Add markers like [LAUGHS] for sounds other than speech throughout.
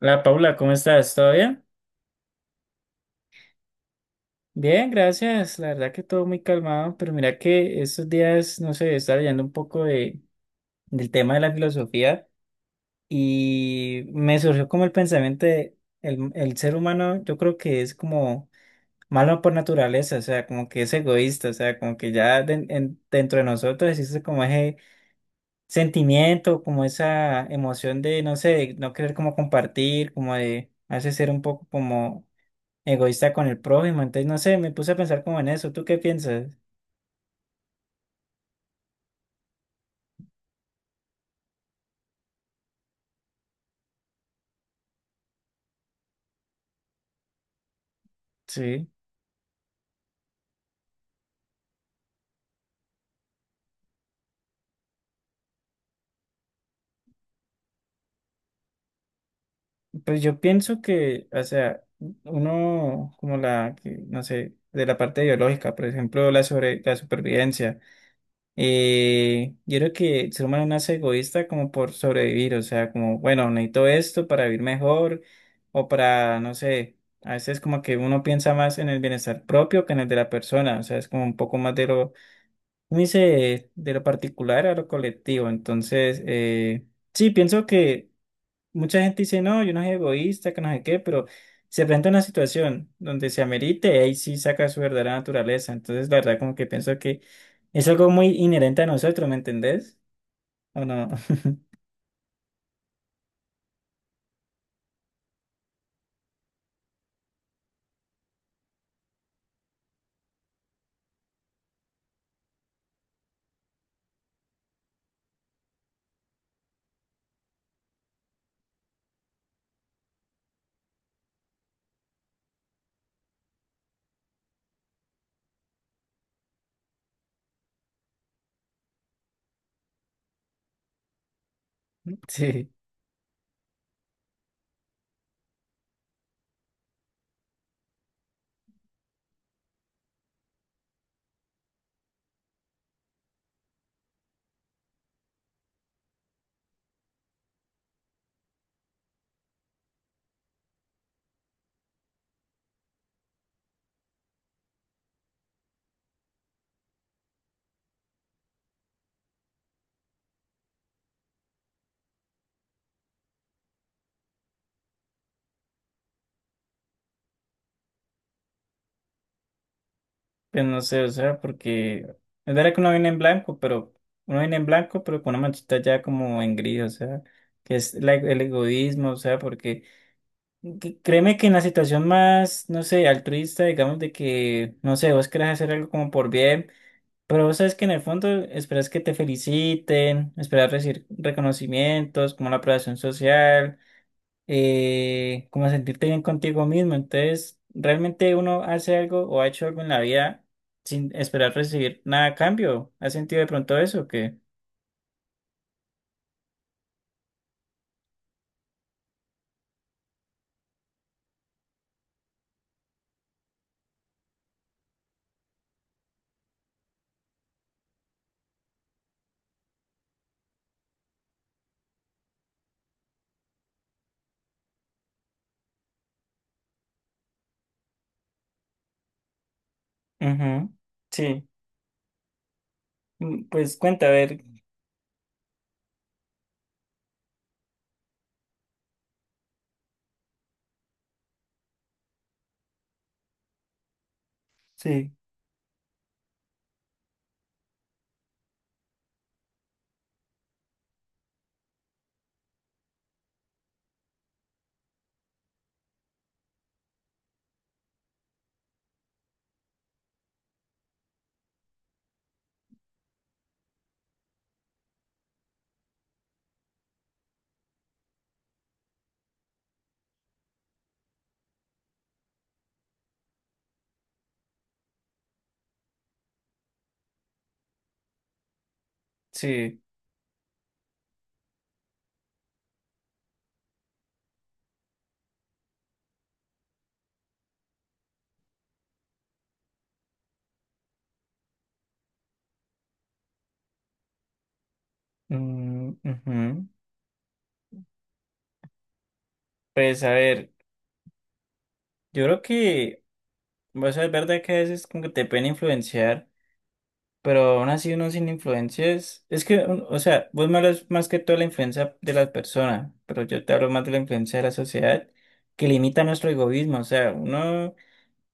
Hola Paula, ¿cómo estás? ¿Todo bien? Bien, gracias. La verdad que todo muy calmado, pero mira que estos días, no sé, estaba leyendo un poco del tema de la filosofía y me surgió como el pensamiento de el ser humano. Yo creo que es como malo por naturaleza, o sea, como que es egoísta, o sea, como que ya dentro de nosotros existe como ese sentimiento, como esa emoción no sé, de no querer como compartir, como de hace ser un poco como egoísta con el prójimo. Entonces, no sé, me puse a pensar como en eso. ¿Tú qué piensas? Sí, pues yo pienso que, o sea, uno como no sé, de la parte biológica, por ejemplo, la supervivencia. Yo creo que el ser humano nace egoísta como por sobrevivir, o sea, como, bueno, necesito esto para vivir mejor o para, no sé, a veces como que uno piensa más en el bienestar propio que en el de la persona, o sea, es como un poco más de lo. Me hice de lo particular a lo colectivo. Entonces, sí, pienso que mucha gente dice, no, yo no soy egoísta, que no sé qué, pero se presenta una situación donde se amerite, ahí sí saca su verdadera naturaleza. Entonces la verdad como que pienso que es algo muy inherente a nosotros. ¿Me entendés? ¿O no? [LAUGHS] Sí, pues no sé, o sea, porque es verdad que uno viene en blanco, pero uno viene en blanco, pero con una manchita ya como en gris, o sea, que es el egoísmo, o sea, porque... Créeme que en la situación más, no sé, altruista, digamos, de que, no sé, vos querés hacer algo como por bien, pero vos sabes que en el fondo esperas que te feliciten, esperas recibir reconocimientos, como la aprobación social, como sentirte bien contigo mismo. Entonces, realmente uno hace algo o ha hecho algo en la vida sin esperar recibir nada a cambio. ¿Has sentido de pronto eso o qué? Ujú. Sí. Mm, pues cuenta, a ver. Sí, sí. Mm, ujú. Pues a ver, yo creo que, o sea, es verdad que a veces como que te pueden influenciar, pero aún así uno sin influencias, es que, o sea, vos me hablas más que todo la influencia de las personas, pero yo te hablo más de la influencia de la sociedad que limita nuestro egoísmo, o sea, uno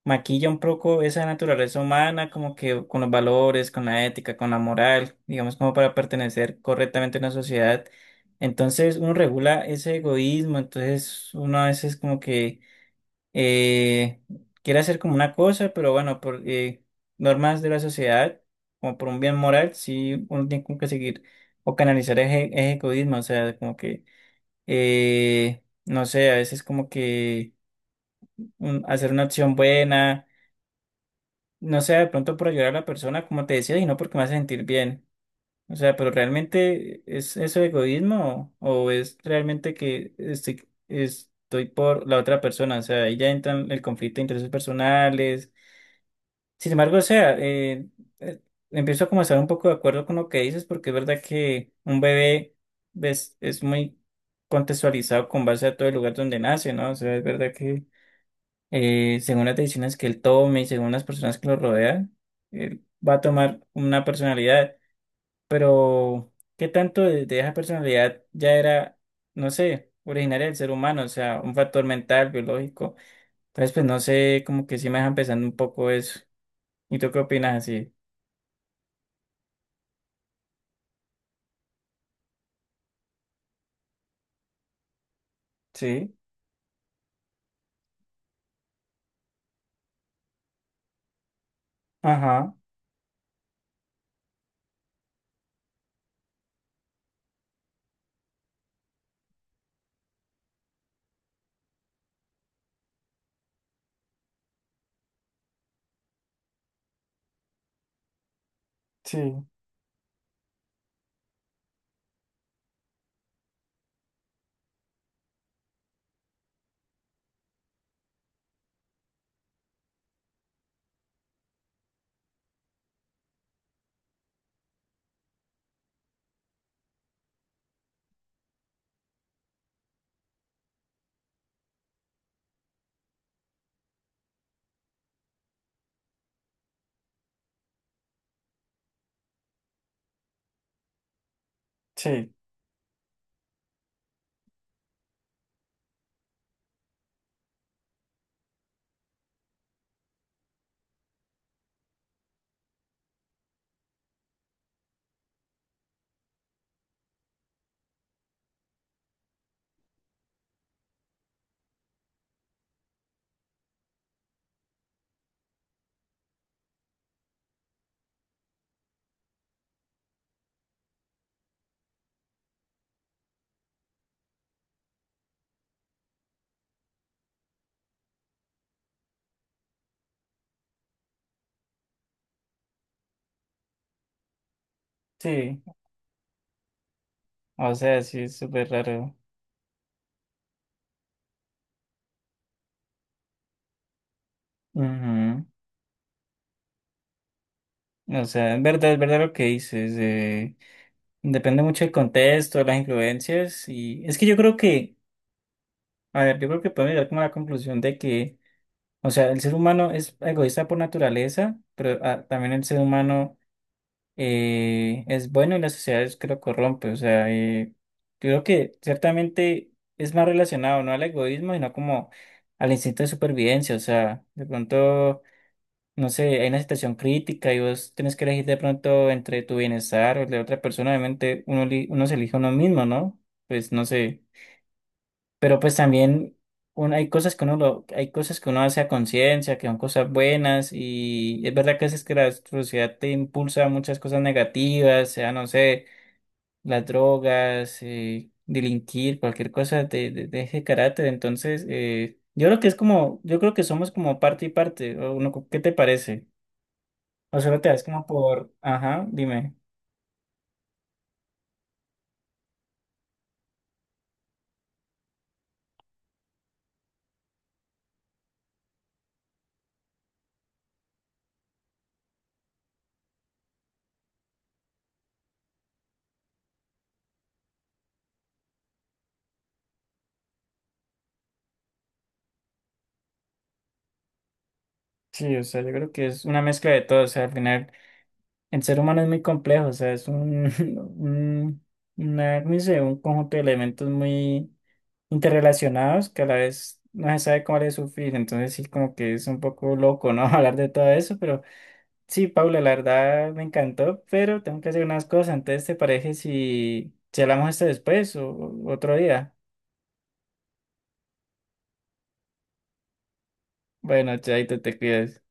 maquilla un poco esa naturaleza humana como que con los valores, con la ética, con la moral, digamos como para pertenecer correctamente a una sociedad. Entonces uno regula ese egoísmo. Entonces uno a veces como que eh, quiere hacer como una cosa, pero bueno, por normas de la sociedad, como por un bien moral, sí uno tiene como que seguir o canalizar ese egoísmo, o sea, como que, no sé, a veces como que hacer una acción buena, no sé, de pronto por ayudar a la persona, como te decía, y no porque me hace sentir bien. O sea, pero realmente es eso egoísmo o es realmente que estoy por la otra persona. O sea, ahí ya entran el conflicto de intereses personales. Sin embargo, o sea, eh, empiezo como a estar un poco de acuerdo con lo que dices, porque es verdad que un bebé ves, es muy contextualizado con base a todo el lugar donde nace, ¿no? O sea, es verdad que según las decisiones que él tome y según las personas que lo rodean, él va a tomar una personalidad, pero ¿qué tanto de esa personalidad ya era, no sé, originaria del ser humano? O sea, un factor mental, biológico. Entonces, pues no sé, como que sí me deja pensando un poco eso. ¿Y tú qué opinas así? Sí. Ajá. Sí, sí, sí. O sea, sí, es súper raro. Ujú. O sea, es verdad lo que dices. Depende mucho del contexto, de las influencias. Y es que yo creo que, a ver, yo creo que podemos llegar como a la conclusión de que, o sea, el ser humano es egoísta por naturaleza, pero ah, también el ser humano. Es bueno y la sociedad es que lo corrompe. O sea, creo que ciertamente es más relacionado no al egoísmo, sino como al instinto de supervivencia. O sea, de pronto, no sé, hay una situación crítica y vos tenés que elegir de pronto entre tu bienestar o el de otra persona. Obviamente, uno, uno se elige a uno mismo, ¿no? Pues no sé. Pero pues también hay cosas que uno lo, hay cosas que uno hace a conciencia, que son cosas buenas, y es verdad que a veces que la sociedad te impulsa a muchas cosas negativas, sea, no sé, las drogas, delinquir, cualquier cosa de ese carácter. Entonces, yo creo que es como, yo creo que somos como parte y parte. ¿O qué te parece? O solo te das como por, ajá, dime. Sí, o sea, yo creo que es una mezcla de todo, o sea, al final. El ser humano es muy complejo, o sea, es un, [LAUGHS] un, no sé, un conjunto de elementos muy interrelacionados que a la vez no se sabe cómo le sufrir. Entonces sí, como que es un poco loco, ¿no? [LAUGHS] Hablar de todo eso, pero sí, Paula, la verdad me encantó, pero tengo que hacer unas cosas. Entonces ¿te parece si, si hablamos esto después o otro día? Bueno, chaito, te cuidas.